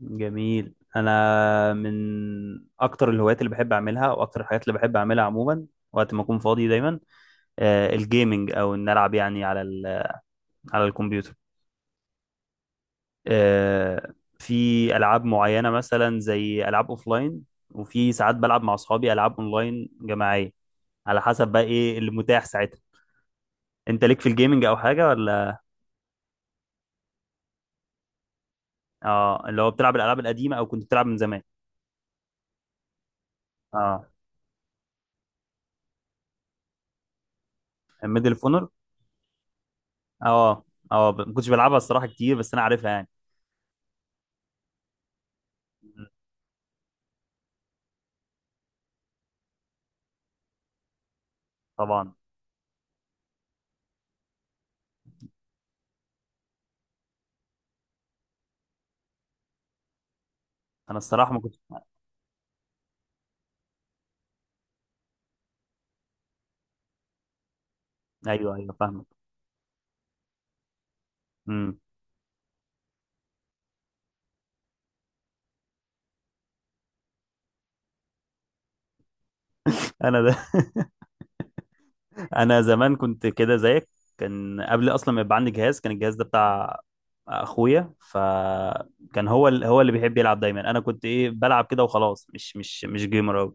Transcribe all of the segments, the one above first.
جميل. انا من اكتر الهوايات اللي بحب اعملها واكتر الحاجات اللي بحب اعملها عموما وقت ما اكون فاضي دايما، الجيمنج او ان العب يعني على الكمبيوتر. آه، في العاب معينه مثلا زي العاب اوفلاين، وفي ساعات بلعب مع اصحابي العاب اونلاين جماعيه على حسب بقى ايه اللي متاح ساعتها. انت ليك في الجيمنج او حاجه ولا؟ اه، اللي هو بتلعب الالعاب القديمه او كنت بتلعب من زمان. اه، ميدل فونر. اه اه، ما كنتش بلعبها الصراحه كتير بس انا عارفها يعني. طبعا. انا الصراحه ما كنت. ايوه ايوه، فاهمك. امم انا ده. انا زمان كنت كده زيك، كان قبل اصلا ما يبقى عندي جهاز، كان الجهاز ده بتاع اخويا، فكان هو اللي بيحب يلعب دايما. انا كنت ايه بلعب كده وخلاص، مش جيمر أوي.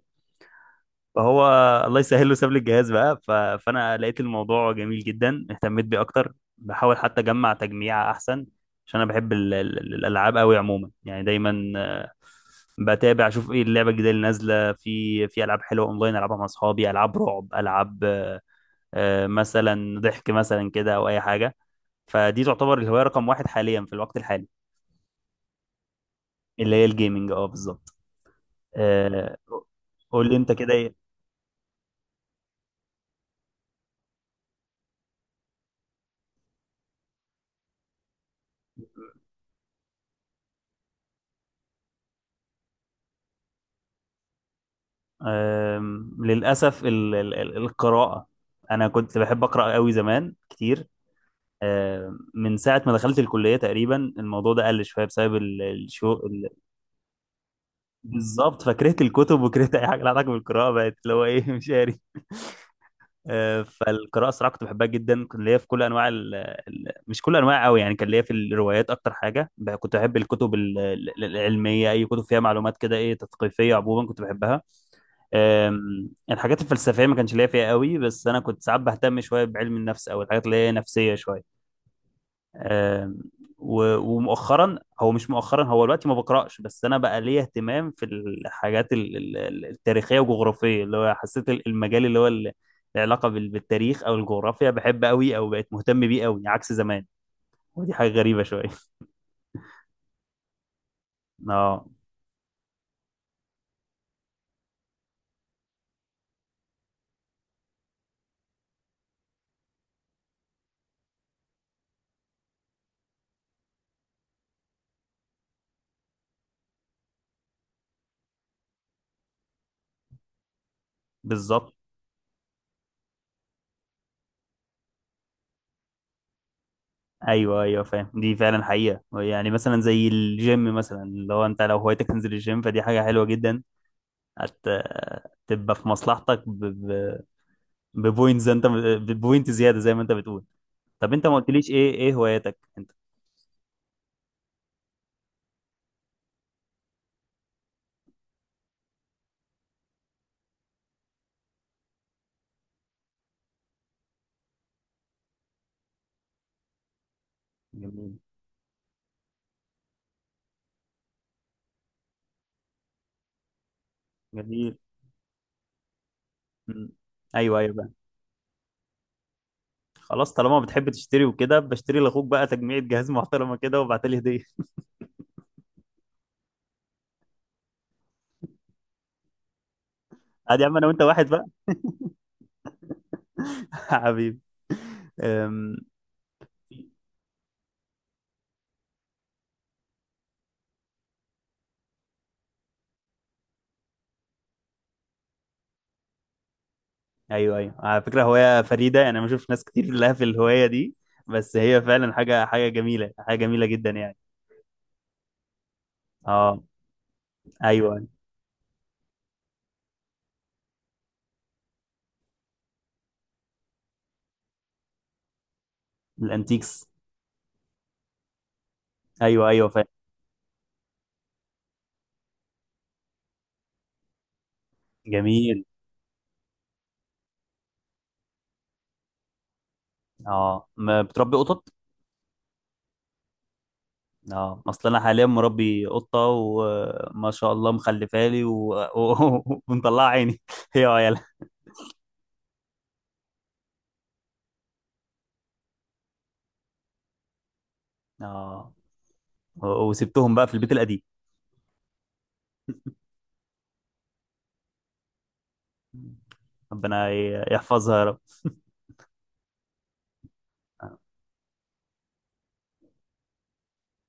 فهو الله يسهل له ساب لي الجهاز بقى، فانا لقيت الموضوع جميل جدا، اهتميت بيه اكتر. بحاول حتى اجمع تجميع احسن، عشان انا بحب الالعاب قوي عموما، يعني دايما بتابع اشوف ايه اللعبه الجديده اللي نازله، في العاب حلوه اونلاين العبها مع اصحابي، العاب رعب، العاب مثلا ضحك مثلا كده او اي حاجه. فدي تعتبر الهوايه رقم واحد حاليا في الوقت الحالي. اللي هي الجيمنج، اه بالظبط. آه، قول لي انت كده، إيه؟ للأسف، القراءة. أنا كنت بحب أقرأ قوي زمان كتير. من ساعة ما دخلت الكلية تقريبا الموضوع ده قل شوية بسبب بالظبط. فكرهت الكتب، وكرهت أي حاجة لها علاقة بالقراءة، بقت اللي هو إيه مش قاري. فالقراءة صراحة كنت بحبها جدا، كنت ليا في كل أنواع مش كل أنواع قوي يعني، كان ليا في الروايات أكتر حاجة، كنت بحب الكتب العلمية، أي كتب فيها معلومات كده إيه تثقيفية عموما كنت بحبها. الحاجات الفلسفية ما كانش ليا فيها قوي، بس أنا كنت ساعات بهتم شوية بعلم النفس أو الحاجات اللي هي نفسية شوية. أم، و- ومؤخرا، هو مش مؤخرا، هو دلوقتي ما بقرأش، بس أنا بقى ليا اهتمام في الحاجات التاريخية والجغرافية، اللي هو حسيت المجال اللي العلاقة بالتاريخ أو الجغرافيا بحب قوي، أو بقيت مهتم بيه قوي عكس زمان. ودي حاجة غريبة شوية. اه بالظبط. ايوه ايوه فاهم. دي فعلا حقيقه، يعني مثلا زي الجيم مثلا، اللي هو انت لو هوايتك تنزل الجيم فدي حاجه حلوه جدا. هت تبقى في مصلحتك ببوينتز، انت ببوينت زياده زي ما انت بتقول. طب انت ما قلتليش ايه هواياتك انت. جميل. جميل. مم. ايوه ايوه بقى. خلاص، طالما بتحب تشتري وكده بشتري لاخوك بقى تجميعة جهاز محترمه كده وابعتلي هديه. عادي يا عم، انا وانت واحد بقى. حبيبي. أم، ايوه ايوه، على فكره هوايه فريده، يعني انا ما بشوفش ناس كتير لها في الهوايه دي، بس هي فعلا حاجه جميله، حاجه جميله جدا يعني. اه ايوه أيوه. الانتيكس. ايوه ايوه فعلا. جميل. اه، ما بتربي قطط. اه، اصل انا حاليا مربي قطه وما شاء الله مخلفه لي ومطلعه عيني هي وعيالها. اه، و- وسبتهم بقى في البيت القديم. ربنا يحفظها يا رب.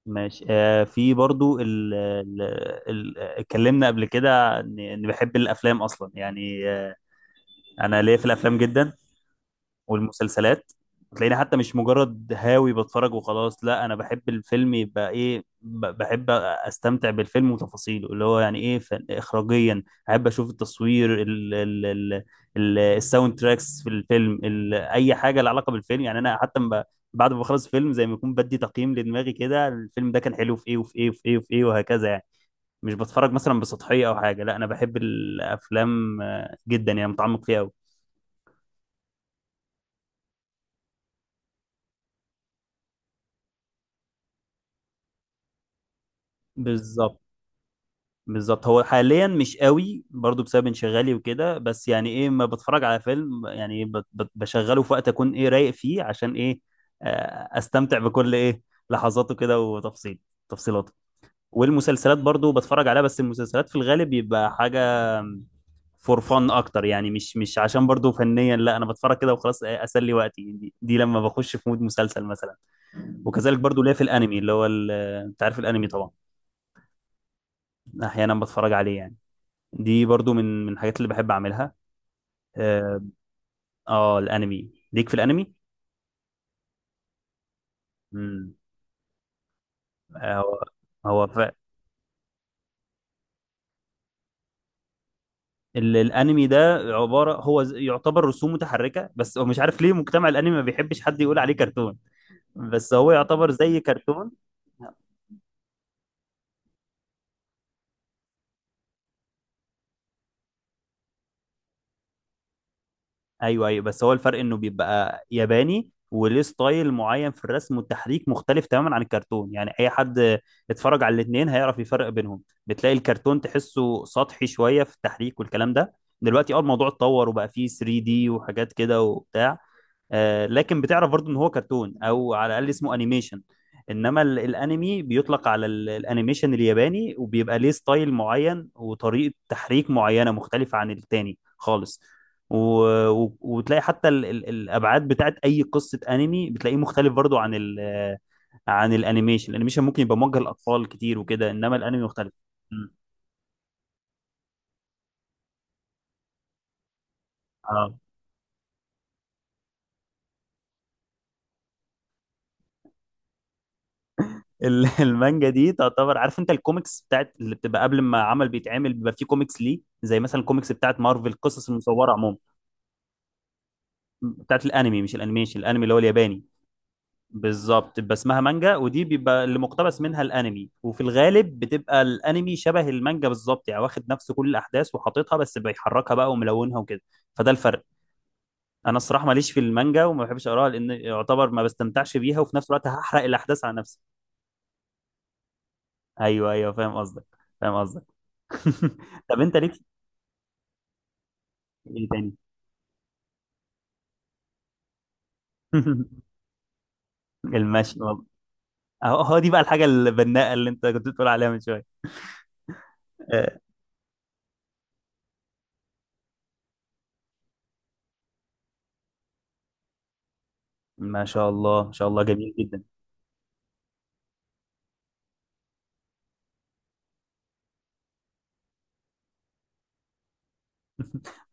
ماشي، في برضو ال ال ال اتكلمنا قبل كده إني بحب الافلام اصلا يعني، انا ليا في الافلام جدا، والمسلسلات. تلاقيني حتى مش مجرد هاوي بتفرج وخلاص، لا انا بحب الفيلم يبقى ايه، بحب استمتع بالفيلم وتفاصيله، اللي هو يعني ايه اخراجيا. احب اشوف التصوير، ال ال ال ال الساوند تراكس في الفيلم، اي حاجه لها علاقه بالفيلم يعني. انا حتى بعد ما بخلص فيلم زي ما يكون بدي تقييم لدماغي كده، الفيلم ده كان حلو في ايه وفي ايه وفي ايه وفي ايه وهكذا يعني. مش بتفرج مثلا بسطحيه او حاجه، لا انا بحب الافلام جدا يعني، متعمق فيها قوي. بالظبط بالظبط. هو حاليا مش قوي برضو بسبب انشغالي وكده، بس يعني ايه ما بتفرج على فيلم يعني بشغله في وقت اكون ايه رايق فيه، عشان ايه استمتع بكل ايه لحظاته كده، تفصيلاته. والمسلسلات برضو بتفرج عليها، بس المسلسلات في الغالب بيبقى حاجة فور فن اكتر يعني، مش عشان برضو فنيا، لا انا بتفرج كده وخلاص، اسلي وقتي، دي لما بخش في مود مسلسل مثلا. وكذلك برضو ليا في الانمي اللي هو انت عارف الانمي طبعا. احيانا بتفرج عليه يعني، دي برضو من الحاجات اللي بحب اعملها. اه، الانمي، ليك في الانمي؟ امم هو هو الانمي ده عباره، هو يعتبر رسوم متحركه، بس هو مش عارف ليه مجتمع الانمي ما بيحبش حد يقول عليه كرتون، بس هو يعتبر زي كرتون. ايوه ايوه، بس هو الفرق انه بيبقى ياباني وليه ستايل معين في الرسم والتحريك مختلف تماما عن الكرتون، يعني اي حد اتفرج على الاتنين هيعرف يفرق بينهم، بتلاقي الكرتون تحسه سطحي شويه في التحريك والكلام ده. دلوقتي اه الموضوع اتطور وبقى فيه 3 دي وحاجات كده وبتاع، لكن بتعرف برضو ان هو كرتون او على الاقل اسمه انيميشن. انما الانمي بيطلق على الانيميشن الياباني، وبيبقى ليه ستايل معين وطريقة تحريك معينة مختلفة عن التاني خالص. و... وتلاقي حتى الابعاد بتاعت اي قصة انمي بتلاقيه مختلف برضو عن الانيميشن. الانيميشن ممكن يبقى موجه للاطفال كتير وكده، انما الانمي مختلف. م. اه المانجا دي تعتبر، عارف انت الكوميكس بتاعت اللي بتبقى قبل ما عمل بيتعمل، بيبقى فيه كوميكس ليه زي مثلا الكوميكس بتاعت مارفل، القصص المصوره عموما. بتاعت الانمي، مش الانيميشن، الانمي اللي هو الياباني. بالظبط، بتبقى اسمها مانجا، ودي بيبقى اللي مقتبس منها الانمي، وفي الغالب بتبقى الانمي شبه المانجا بالظبط يعني، واخد نفس كل الاحداث وحاططها، بس بيحركها بقى وملونها وكده، فده الفرق. انا الصراحه ماليش في المانجا وما بحبش اقراها لان يعتبر ما بستمتعش بيها، وفي نفس الوقت هحرق الاحداث على نفسي. ايوه ايوه فاهم قصدك، فاهم قصدك. طب انت ليك ايه تاني؟ المشي والله. اهو هو دي بقى الحاجه البناءه اللي انت كنت بتقول عليها من شويه. آه، ما شاء الله ما شاء الله، جميل جدا.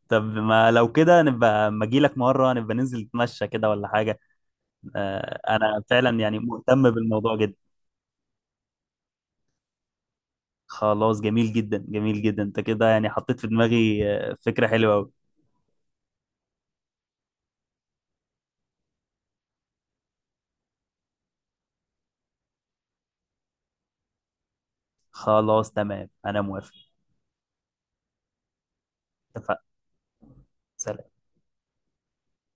طب ما لو كده نبقى اما اجي لك مره نبقى ننزل نتمشى كده ولا حاجه. انا فعلا يعني مهتم بالموضوع جدا. خلاص، جميل جدا جميل جدا، انت كده يعني حطيت في دماغي فكره حلوه قوي. خلاص تمام، انا موافق. اتفقنا. سلام.